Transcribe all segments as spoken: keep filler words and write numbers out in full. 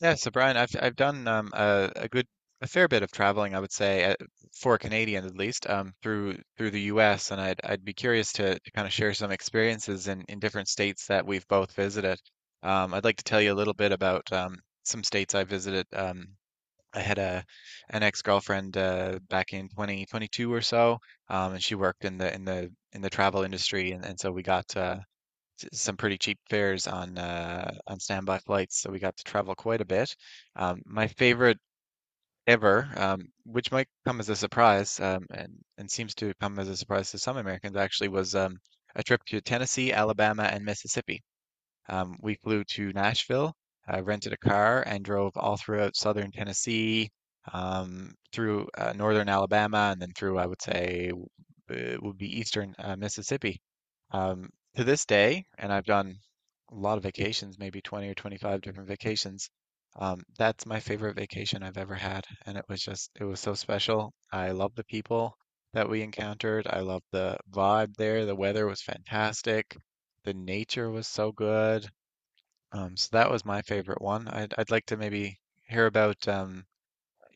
Yeah, so Brian, I've I've done um, a, a good a fair bit of traveling, I would say, uh, for Canadians at least, um, through through the U S And I'd I'd be curious to, to kind of share some experiences in, in different states that we've both visited. Um, I'd like to tell you a little bit about um, some states I visited. Um, I had a an ex-girlfriend uh, back in twenty twenty-two or so, um, and she worked in the in the in the travel industry, and, and so we got uh, s- some pretty cheap fares on uh, on standby flights, so we got to travel quite a bit. Um, my favorite ever, um, which might come as a surprise, um, and and seems to come as a surprise to some Americans actually, was um, a trip to Tennessee, Alabama, and Mississippi. Um, we flew to Nashville, uh, rented a car, and drove all throughout southern Tennessee, um, through uh, northern Alabama, and then through, I would say, w- it would be eastern uh, Mississippi. Um, to this day, and I've done a lot of vacations, maybe twenty or twenty-five different vacations. Um, that's my favorite vacation I've ever had, and it was just, it was so special. I love the people that we encountered. I loved the vibe there. The weather was fantastic. The nature was so good. Um, so that was my favorite one. I'd I'd like to maybe hear about um,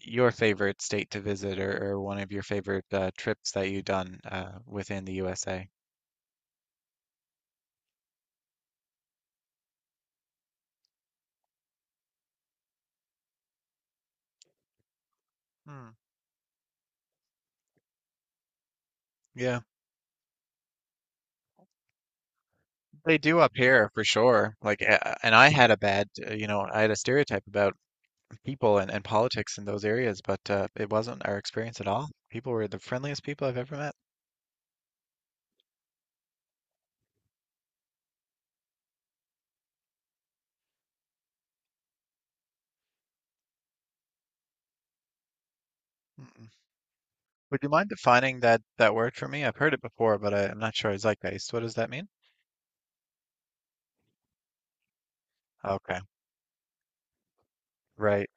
your favorite state to visit, or, or one of your favorite uh, trips that you've done uh, within the U S A. Hmm. Yeah, they do up here for sure. Like, a- and I had a bad, uh, you know, I had a stereotype about people and, and politics in those areas, but uh, it wasn't our experience at all. People were the friendliest people I've ever met. Mm-mm. Would you mind defining that that word for me? I've heard it before, but I, I'm not sure I zeitgeist. What does that mean? Okay, right.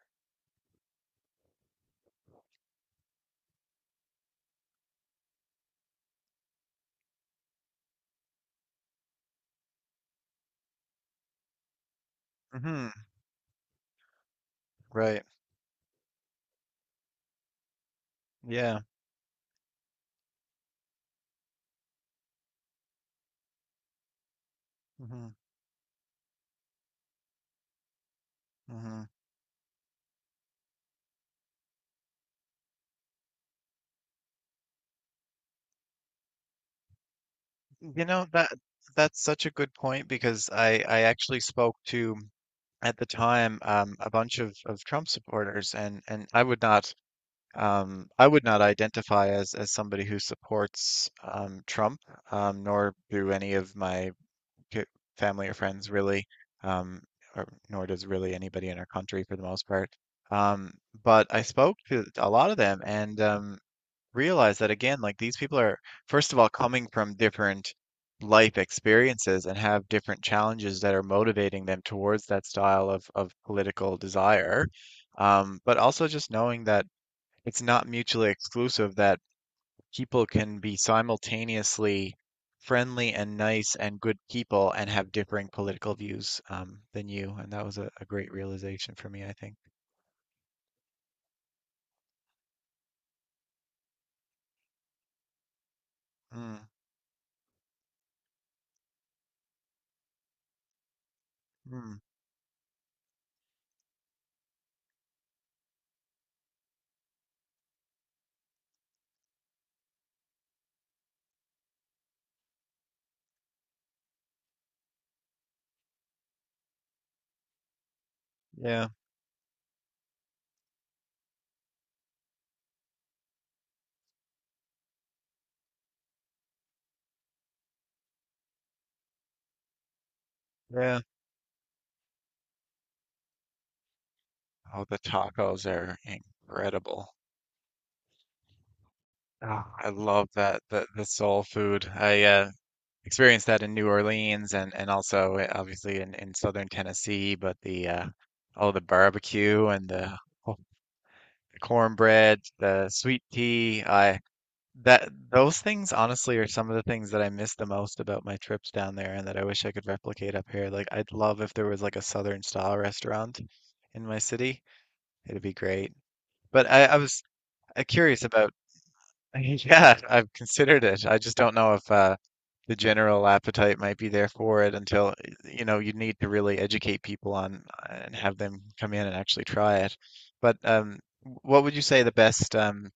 Hmm. Right. Yeah. Hmm. Hmm. You know that that's such a good point because I I actually spoke to at the time um, a bunch of of Trump supporters, and and I would not um I would not identify as as somebody who supports um Trump, um nor do any of my ki- family or friends really, um or nor does really anybody in our country for the most part. Um, but I spoke to a lot of them, and um, realize that again, like these people are, first of all, coming from different life experiences and have different challenges that are motivating them towards that style of, of political desire. Um, but also just knowing that it's not mutually exclusive, that people can be simultaneously friendly and nice and good people and have differing political views um, than you. And that was a, a great realization for me, I think. Mm, mm, yeah, yeah. Oh, the tacos are incredible. Ah, I love that the the soul food. I uh, experienced that in New Orleans and and also uh, obviously in in southern Tennessee. But the uh, oh, the barbecue and the, oh, the cornbread, the sweet tea. I that those things honestly are some of the things that I miss the most about my trips down there, and that I wish I could replicate up here. Like, I'd love if there was like a southern style restaurant in my city. It'd be great. But I, I was uh, curious about. Yeah, I've considered it. I just don't know if uh, the general appetite might be there for it until, you know, you need to really educate people on and have them come in and actually try it. But um, what would you say the best um,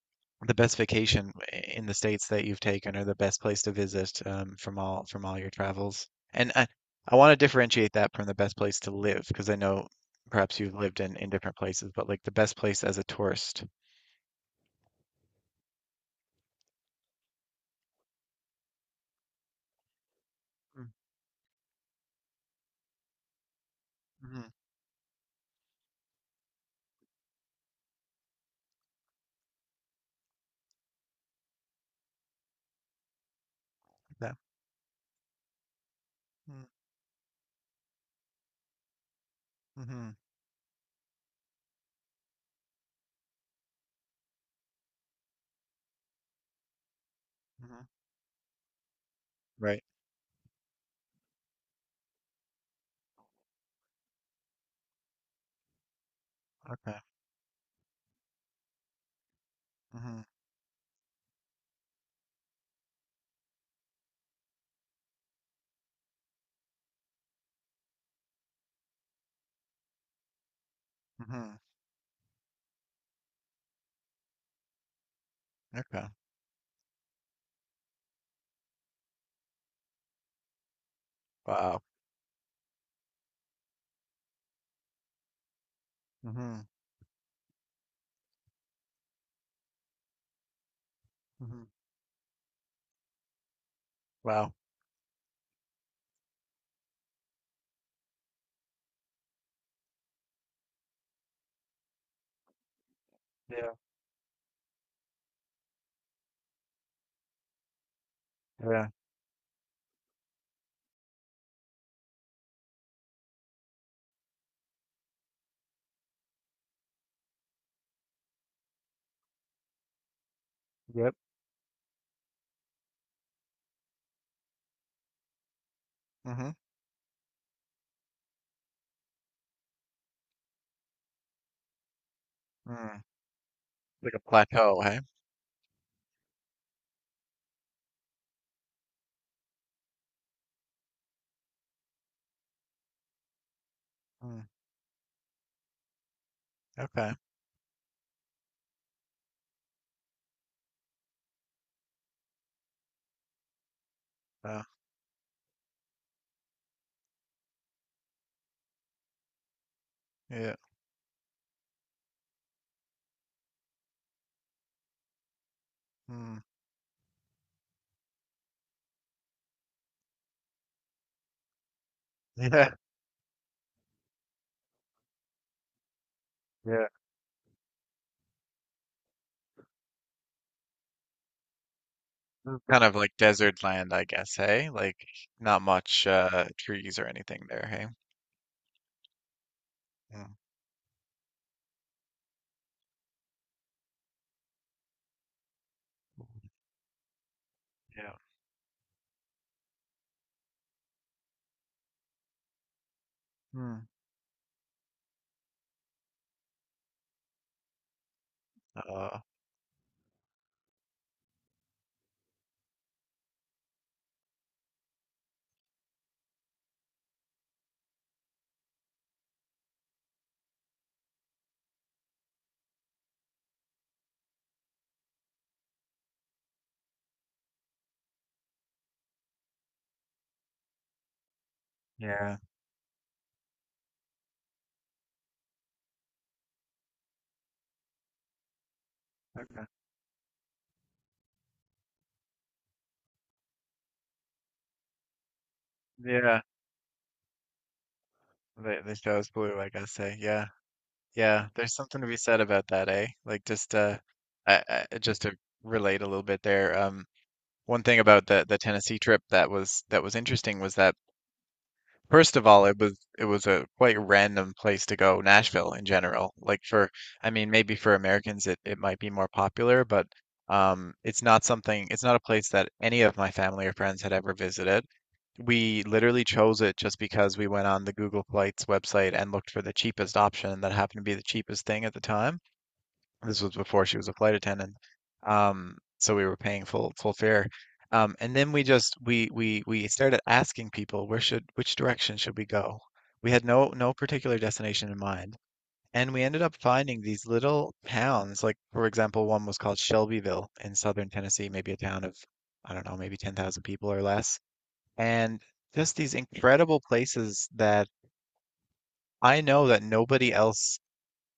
the best vacation in the states that you've taken, or the best place to visit um, from all from all your travels? And I, I want to differentiate that from the best place to live, because I know perhaps you've lived in in different places, but like the best place as a tourist. Mm-hmm. Yeah. Mm-hmm. Mm-hmm. Right. Okay. Mm-hmm. Mm-hmm. Okay. Wow. Mhm, mhm. Wow. Yeah. Yeah. Yep. Mhm, mm. Like a plateau, hey? Mm. Okay. Wow. Yeah, mm. Yeah. Yeah. This is kind of like desert land, I guess, hey? Like, not much uh trees or anything there, hey? Mm. Yeah. Mm. Uh, yeah. Okay. Yeah. The the show's blue, I guess, eh? Yeah. Yeah. There's something to be said about that, eh? Like, just uh I, I just to relate a little bit there. Um one thing about the the Tennessee trip that was that was interesting was that first of all, it was it was a quite random place to go, Nashville in general. Like, for I mean maybe for Americans, it, it might be more popular, but um it's not something, it's not a place that any of my family or friends had ever visited. We literally chose it just because we went on the Google Flights website and looked for the cheapest option that happened to be the cheapest thing at the time. This was before she was a flight attendant. Um, so we were paying full full fare. Um, and then we just we we we started asking people, where should which direction should we go? We had no no particular destination in mind. And we ended up finding these little towns, like, for example, one was called Shelbyville in southern Tennessee, maybe a town of, I don't know, maybe ten thousand people or less. And just these incredible places that I know that nobody else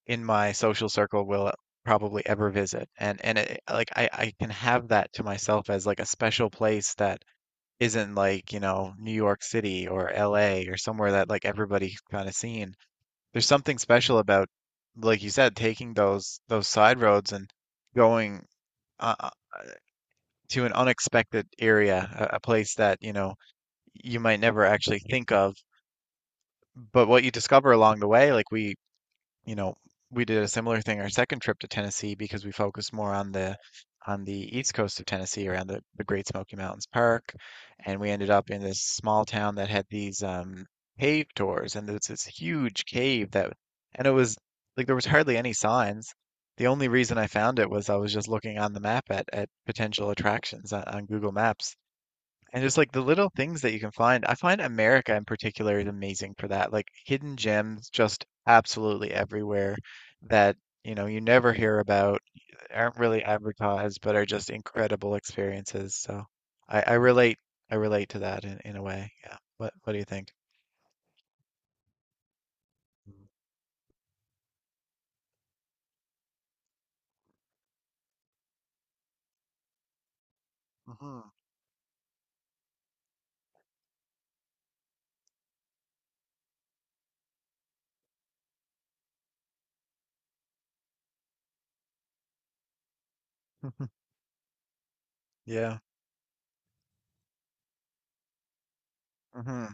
in my social circle will probably ever visit. And and it, like I I can have that to myself as like a special place that isn't like, you know, New York City or L A or somewhere that like everybody's kind of seen. There's something special about, like you said, taking those those side roads and going uh, uh, to an unexpected area, a, a place that, you know, you might never actually think of. But what you discover along the way, like we you know, we did a similar thing our second trip to Tennessee, because we focused more on the on the east coast of Tennessee around the, the Great Smoky Mountains Park, and we ended up in this small town that had these um, cave tours, and there's this huge cave that, and it was like there was hardly any signs. The only reason I found it was I was just looking on the map at, at potential attractions on, on Google Maps, and just like the little things that you can find. I find America in particular is amazing for that. Like, hidden gems just absolutely everywhere that, you know, you never hear about, aren't really advertised, but are just incredible experiences. So I, I relate I relate to that in, in a way. Yeah. What what do you think? Mm-hmm. Yeah. Mm-hmm.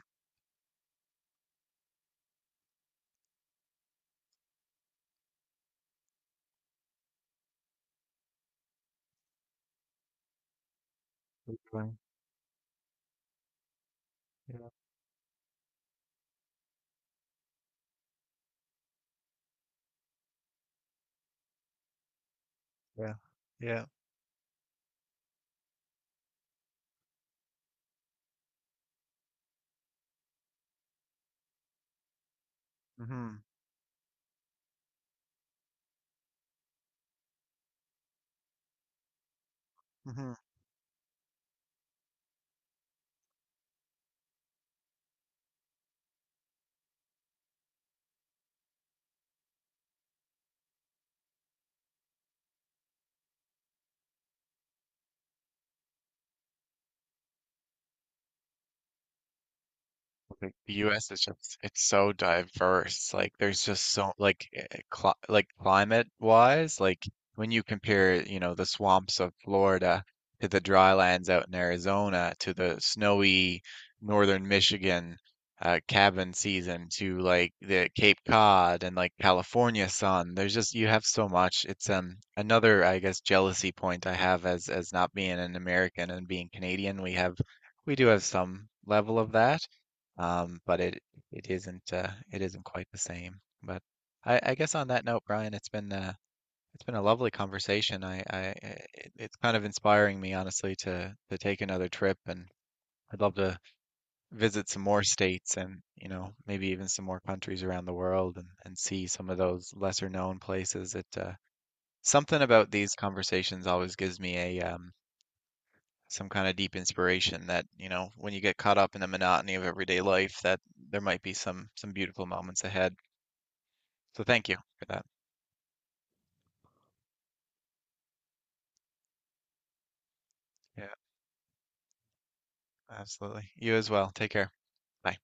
Yeah. Yeah. Yeah. Mm-hmm. Mm-hmm. Like, the U S is just, it's so diverse. Like, there's just so like eh, eh, cli like climate wise, like when you compare, you know, the swamps of Florida to the dry lands out in Arizona to the snowy northern Michigan uh cabin season to like the Cape Cod and like California sun. There's just, you have so much. It's um another, I guess, jealousy point I have as as not being an American and being Canadian. We have we do have some level of that, um, but it it isn't uh, it isn't quite the same. But I, I guess on that note, Brian, it's been uh, it's been a lovely conversation. I, I it, it's kind of inspiring me honestly to to take another trip, and I'd love to visit some more states and, you know, maybe even some more countries around the world, and and see some of those lesser known places. It uh, something about these conversations always gives me a um, some kind of deep inspiration that, you know, when you get caught up in the monotony of everyday life, that there might be some some beautiful moments ahead. So thank you for that. Yeah, absolutely. You as well. Take care. Bye.